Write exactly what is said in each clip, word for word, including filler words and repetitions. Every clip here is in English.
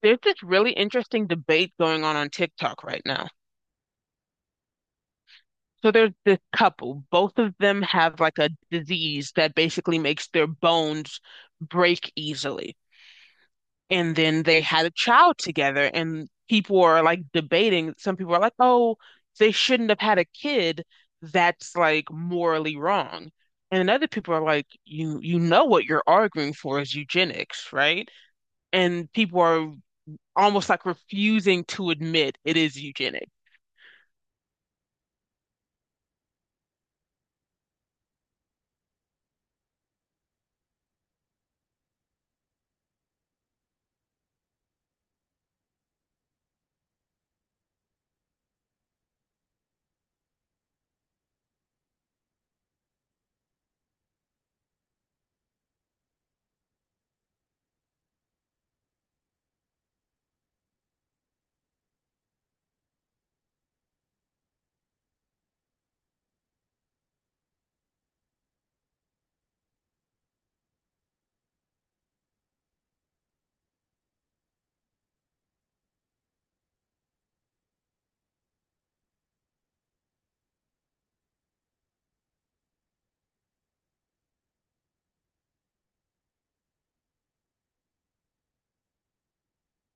There's this really interesting debate going on on TikTok right now. So there's this couple, both of them have like a disease that basically makes their bones break easily. And then they had a child together, and people are like debating. Some people are like, oh, they shouldn't have had a kid. That's like morally wrong. And other people are like, you you know what you're arguing for is eugenics, right? And people are almost like refusing to admit it is eugenics.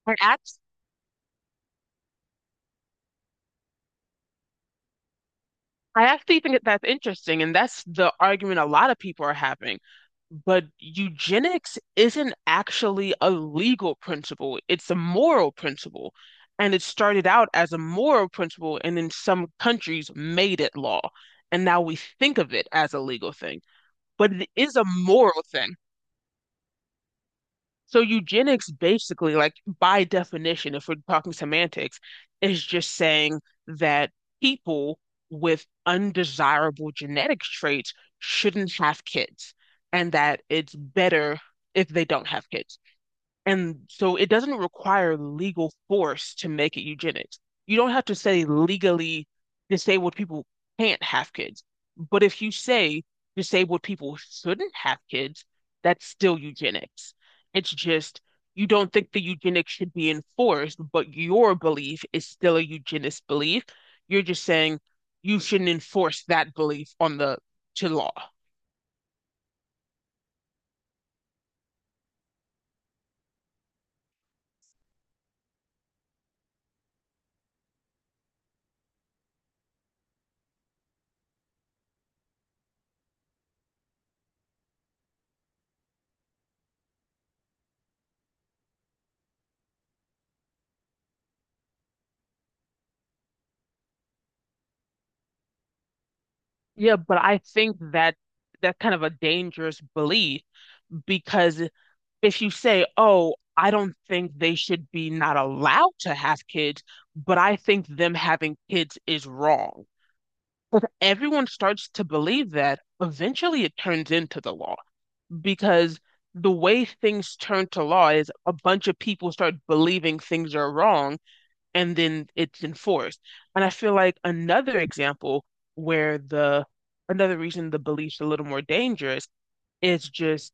I act I actually think that that's interesting, and that's the argument a lot of people are having. But eugenics isn't actually a legal principle, it's a moral principle. And it started out as a moral principle, and in some countries made it law. And now we think of it as a legal thing, but it is a moral thing. So eugenics basically, like by definition, if we're talking semantics, is just saying that people with undesirable genetic traits shouldn't have kids, and that it's better if they don't have kids. And so it doesn't require legal force to make it eugenics. You don't have to say legally disabled people can't have kids. But if you say disabled people shouldn't have kids, that's still eugenics. It's just you don't think the eugenics should be enforced, but your belief is still a eugenist belief. You're just saying you shouldn't enforce that belief on the to law. Yeah, but I think that that's kind of a dangerous belief because if you say, oh, I don't think they should be not allowed to have kids, but I think them having kids is wrong. Everyone starts to believe that. Eventually, it turns into the law because the way things turn to law is a bunch of people start believing things are wrong and then it's enforced. And I feel like another example where the another reason the belief's a little more dangerous is just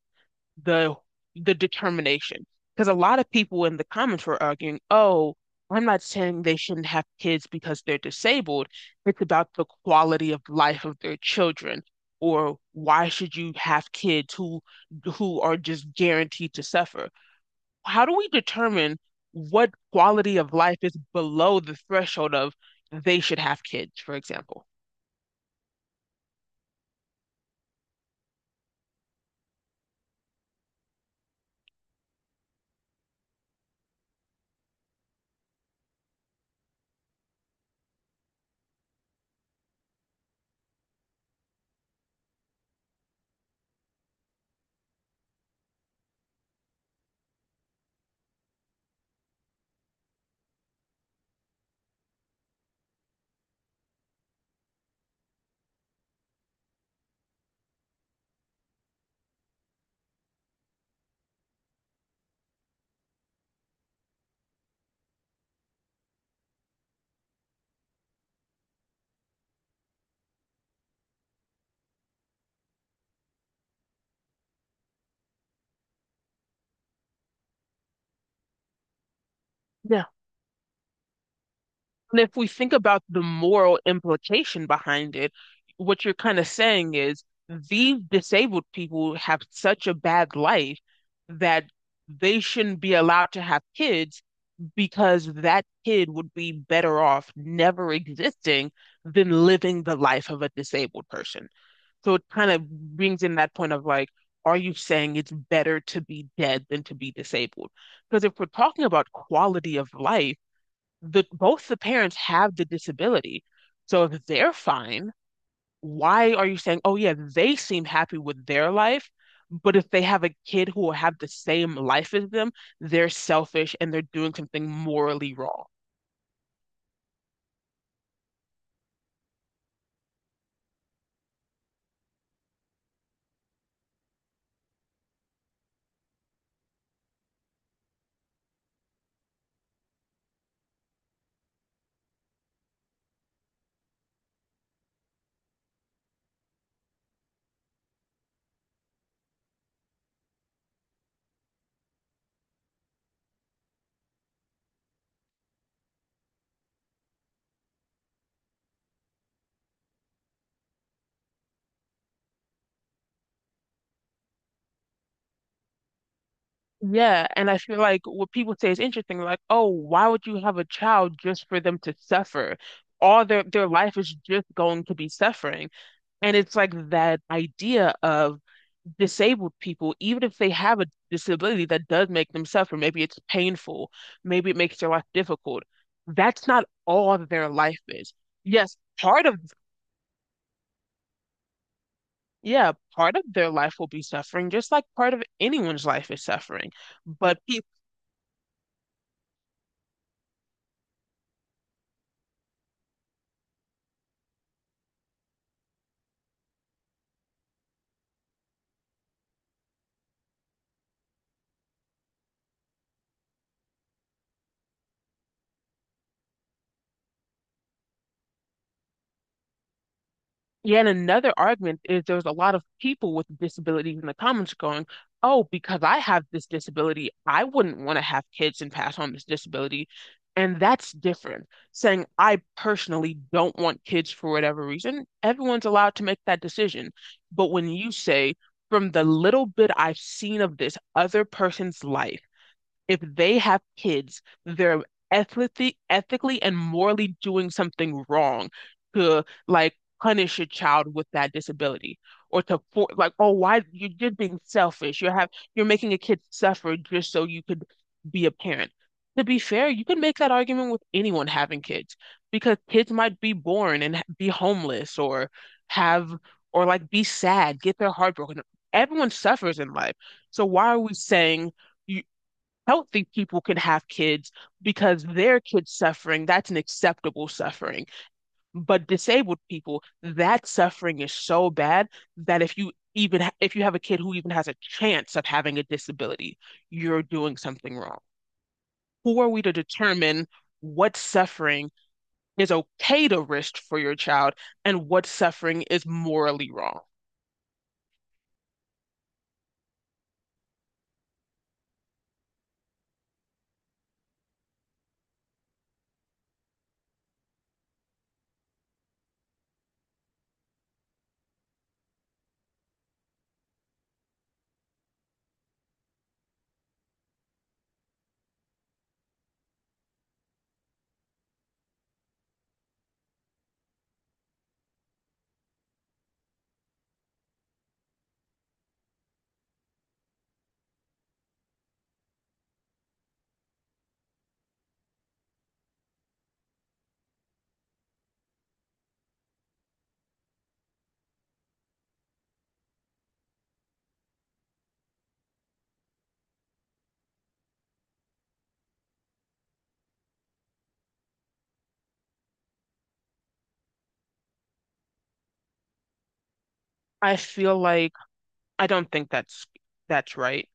the the determination. Because a lot of people in the comments were arguing, oh, I'm not saying they shouldn't have kids because they're disabled. It's about the quality of life of their children. Or why should you have kids who who are just guaranteed to suffer? How do we determine what quality of life is below the threshold of they should have kids, for example? Yeah. And if we think about the moral implication behind it, what you're kind of saying is these disabled people have such a bad life that they shouldn't be allowed to have kids because that kid would be better off never existing than living the life of a disabled person. So it kind of brings in that point of like, are you saying it's better to be dead than to be disabled? Because if we're talking about quality of life, the both the parents have the disability. So if they're fine, why are you saying, oh yeah, they seem happy with their life, but if they have a kid who will have the same life as them, they're selfish and they're doing something morally wrong. Yeah, and I feel like what people say is interesting, like, oh, why would you have a child just for them to suffer? All their their life is just going to be suffering. And it's like that idea of disabled people, even if they have a disability that does make them suffer, maybe it's painful, maybe it makes their life difficult. That's not all that their life is. Yes, part of, yeah, part of their life will be suffering, just like part of anyone's life is suffering. But pe Yeah, and another argument is there's a lot of people with disabilities in the comments going, oh, because I have this disability, I wouldn't want to have kids and pass on this disability. And that's different. Saying I personally don't want kids for whatever reason, everyone's allowed to make that decision. But when you say, from the little bit I've seen of this other person's life, if they have kids, they're ethically, ethically and morally doing something wrong to like punish a child with that disability or to for like, oh, why you're just being selfish. You have you're making a kid suffer just so you could be a parent. To be fair, you can make that argument with anyone having kids because kids might be born and ha- be homeless or have or like be sad, get their heart broken. Everyone suffers in life. So why are we saying you healthy people can have kids because their kids suffering, that's an acceptable suffering. But disabled people, that suffering is so bad that if you even if you have a kid who even has a chance of having a disability, you're doing something wrong. Who are we to determine what suffering is okay to risk for your child and what suffering is morally wrong? I feel like I don't think that's that's right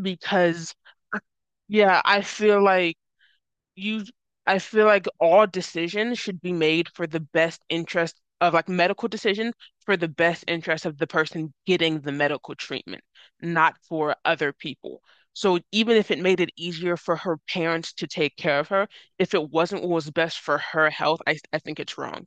because yeah, I feel like you I feel like all decisions should be made for the best interest of like medical decisions for the best interest of the person getting the medical treatment, not for other people. So even if it made it easier for her parents to take care of her, if it wasn't what was best for her health, I, I think it's wrong.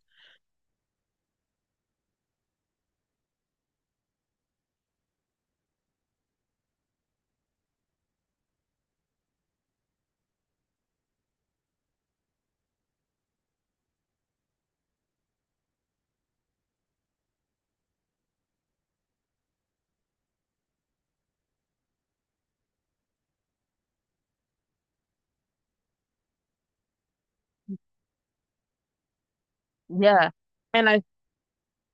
Yeah. And I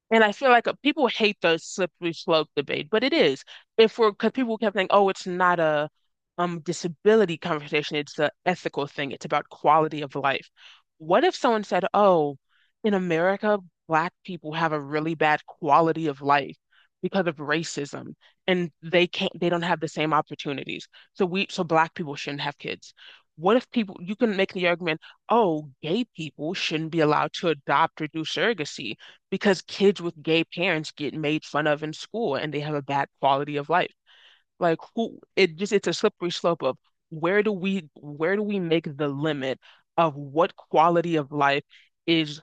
And I feel like uh, people hate the slippery slope debate, but it is. If we're, because people kept saying, oh, it's not a um disability conversation, it's the ethical thing, it's about quality of life. What if someone said, oh, in America, Black people have a really bad quality of life because of racism, and they can't, they don't have the same opportunities. So we, so Black people shouldn't have kids. What if people, you can make the argument, oh, gay people shouldn't be allowed to adopt or do surrogacy because kids with gay parents get made fun of in school and they have a bad quality of life. Like who it just it's a slippery slope of where do we where do we make the limit of what quality of life is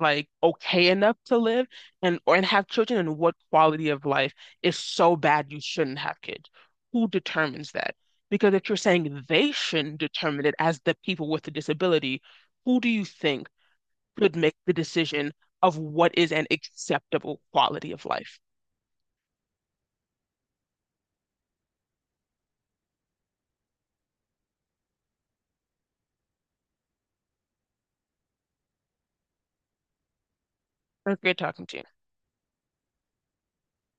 like okay enough to live and or and have children and what quality of life is so bad you shouldn't have kids. Who determines that? Because if you're saying they shouldn't determine it as the people with the disability, who do you think should make the decision of what is an acceptable quality of life. It was great talking to you.